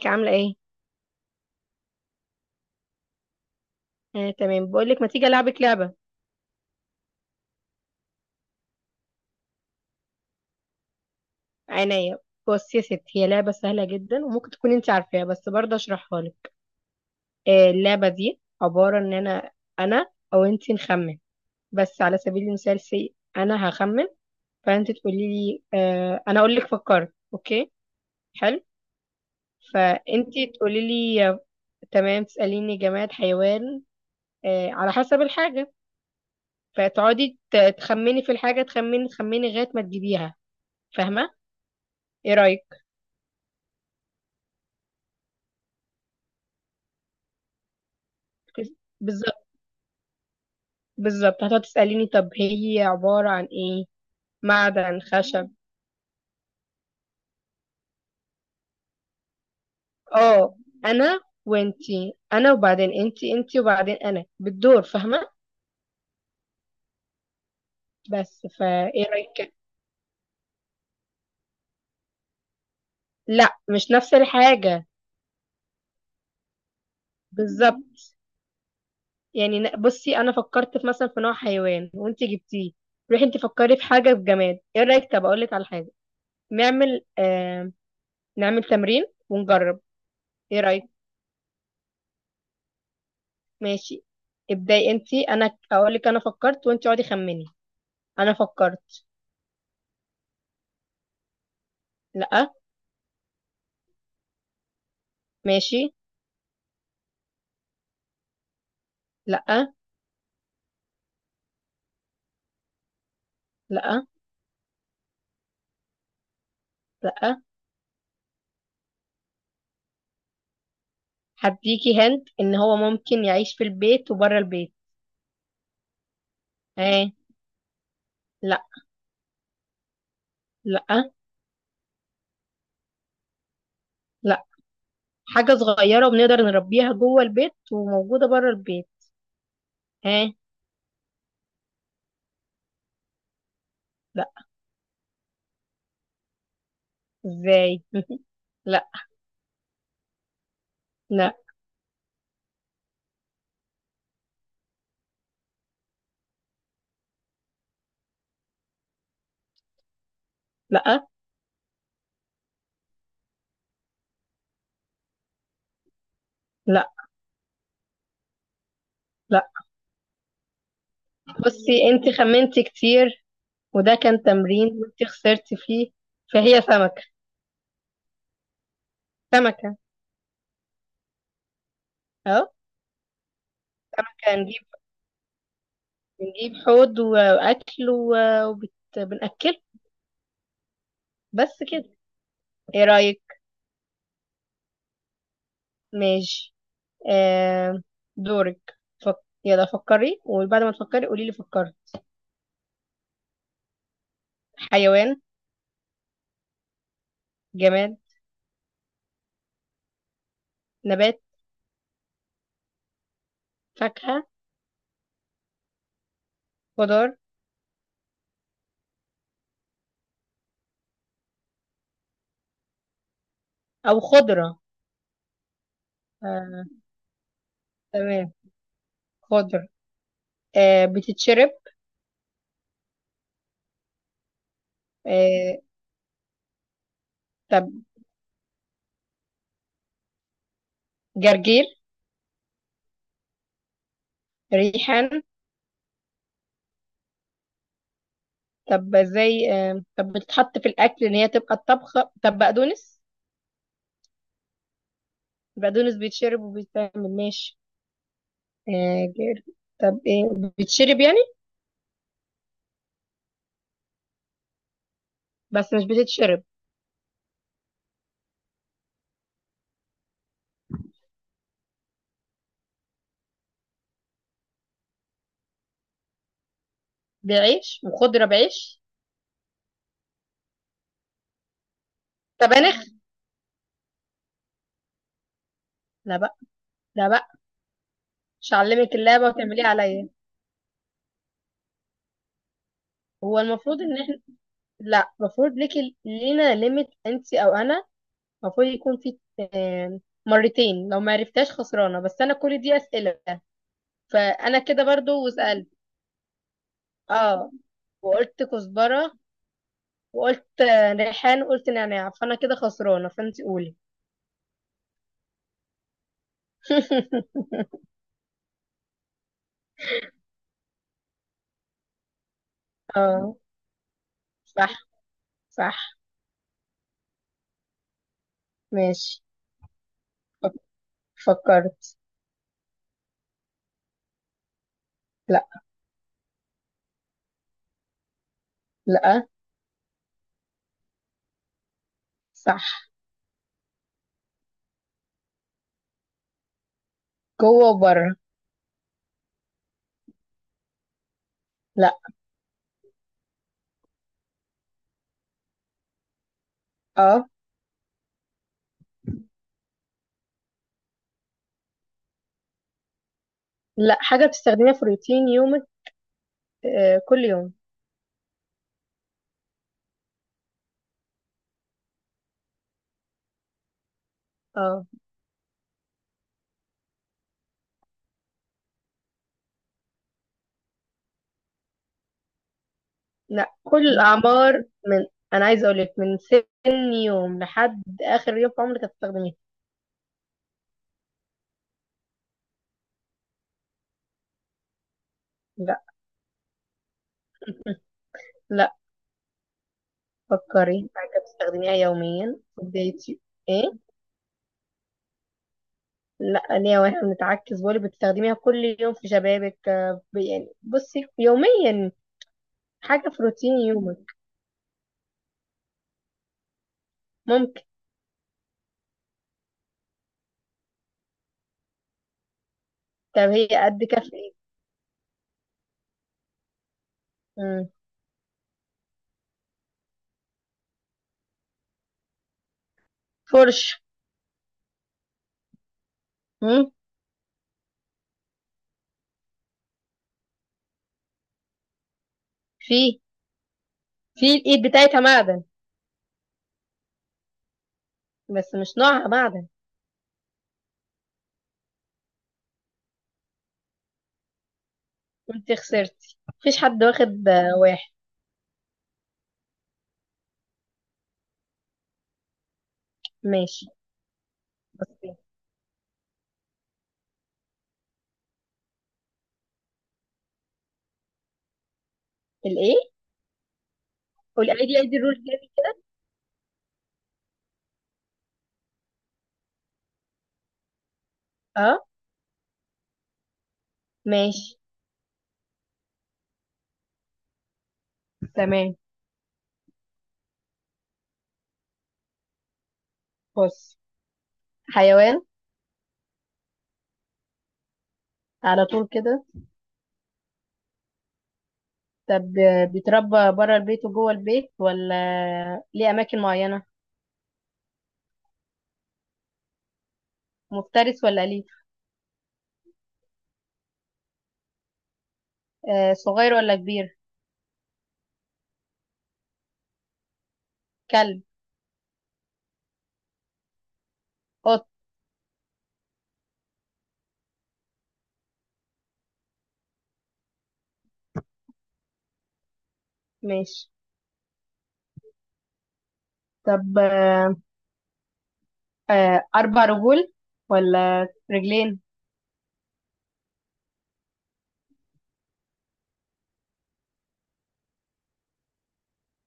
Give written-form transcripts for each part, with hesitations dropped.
ازيك؟ عاملة ايه؟ آه، تمام. بقولك ما تيجي ألعبك لعبة؟ عينيا. بصي يا ستي، هي لعبة سهلة جدا وممكن تكون انت عارفاها بس برضه اشرحها لك. آه، اللعبة دي عبارة ان انا او انت نخمن. بس على سبيل المثال، سي انا هخمن، فانت تقولي لي آه، انا اقول لك فكرت، اوكي؟ حلو. فانت تقولي لي تمام، تسأليني جماد، حيوان، آه، على حسب الحاجة. فتقعدي تخمني في الحاجة، تخمني لغاية ما تجيبيها. فاهمة؟ ايه رأيك؟ بالظبط. بالظبط، هتقعد تسأليني طب هي عبارة عن ايه؟ معدن، خشب. اه، انا وانتي، انا وبعدين انتي وبعدين انا بالدور، فاهمة؟ بس ايه رأيك كده؟ لا، مش نفس الحاجة. بالظبط. يعني بصي، انا فكرت في مثلا في نوع حيوان وانتي جبتيه، روحي انتي فكري في حاجة في جماد. ايه رأيك؟ طب اقولك على حاجة، نعمل آه نعمل تمرين ونجرب. ايه رأيك؟ ماشي، ابداي انتي. انا اقولك انا فكرت وانتي اقعدي خمني. انا فكرت. لا. ماشي. لا. لا. لا. هديكي هند ان هو ممكن يعيش في البيت وبره البيت. اه. لا. لا. لا. حاجة صغيرة وبنقدر نربيها جوه البيت وموجودة بره البيت. اه. لا. ازاي؟ لا. لا. لا. لا. لا. بصي، انت خمنتي كتير وده كان تمرين وانت خسرتي فيه. فهي سمكة. سمكة. اهو. سمكة، نجيب حوض واكل وبنأكله. بس كده. ايه رأيك؟ ماشي. آه، دورك. فك... يلا فكري وبعد ما تفكري قولي لي فكرت. حيوان؟ جماد؟ نبات؟ فاكهة؟ خضار. أو خضرة. آه، تمام، خضر. آه، بتتشرب؟ آه. طب، جرجير؟ ريحان؟ طب ازاي؟ طب بتتحط في الأكل إن هي تبقى الطبخة؟ طب، بقدونس؟ البقدونس بيتشرب وبيتعمل، ماشي. آه جر... طب ايه؟ بتشرب يعني؟ بس مش بتتشرب. بعيش؟ وخضرة بعيش. طب أنا. لا بقى. لا بقى. مش هعلمك اللعبة وتعمليها عليا. هو المفروض ان احنا، لا المفروض ليك، لينا ليميت انت او انا. المفروض يكون في مرتين لو ما عرفتهاش خسرانة، بس انا كل دي اسئلة، فانا كده برضو وسألت. اه، وقلت كزبرة، وقلت ريحان، وقلت نعناع، فانا كده خسرانة، فانت قولي. اه، صح. صح. ماشي. فك- فكرت. لا. لا. صح. جوه وبره. لا. اه. لا، حاجة بتستخدميها في روتين يومك، آه، كل يوم. اه. لا، كل الأعمار، من، أنا عايزة أقولك من سن يوم لحد آخر يوم في عمرك هتستخدميها. لا. لا. فكري حاجة بتستخدميها يوميا في بداية ايه؟ لا، ليه واحنا بنتعكس؟ بقولك بتستخدميها كل يوم في شبابك، يعني بصي، يوميا، حاجة في روتين يومك. ممكن. طب هي قد كف ايه؟ مم. فرش. مم. في، في الإيد بتاعتها معدن، بس مش نوعها معدن. انت خسرتي، مفيش حد واخد واحد. ماشي. بصي. الايه؟ قولي ايدي ايدي الرول تاني. اه. ماشي. تمام. بص، حيوان. على طول كده. طب بيتربى بره البيت وجوه البيت، ولا ليه اماكن معينه؟ مفترس ولا اليف؟ آه، صغير ولا كبير؟ كلب؟ قط؟ ماشي. طب اربع رجول ولا رجلين؟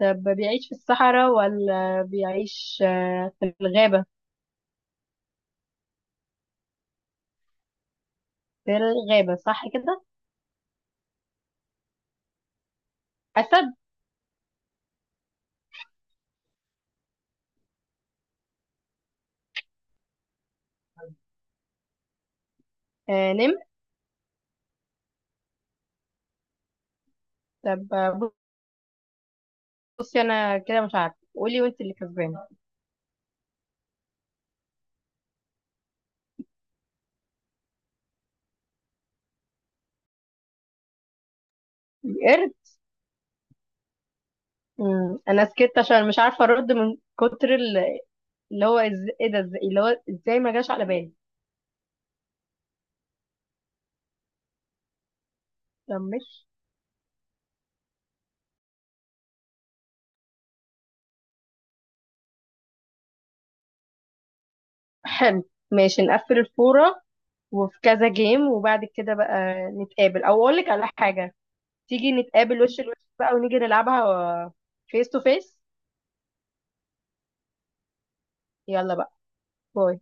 طب بيعيش في الصحراء ولا بيعيش في الغابه؟ في الغابه، صح كده؟ أسد؟ آه، نمر؟ طب، بصي أنا كده مش عارفة، قولي وأنت اللي كسبانة. القرد. أنا سكت عشان مش عارفة أرد من كتر اللي هو إيه ده؟ إزاي اللي هو؟ إزاي ما جاش على بالي؟ طب مش، حلو، ماشي، نقفل الفورة وفي كذا جيم وبعد كده بقى نتقابل أو أقول لك على حاجة. تيجي نتقابل وش لوش بقى ونيجي نلعبها فيس تو فيس. يلا بقى. باي.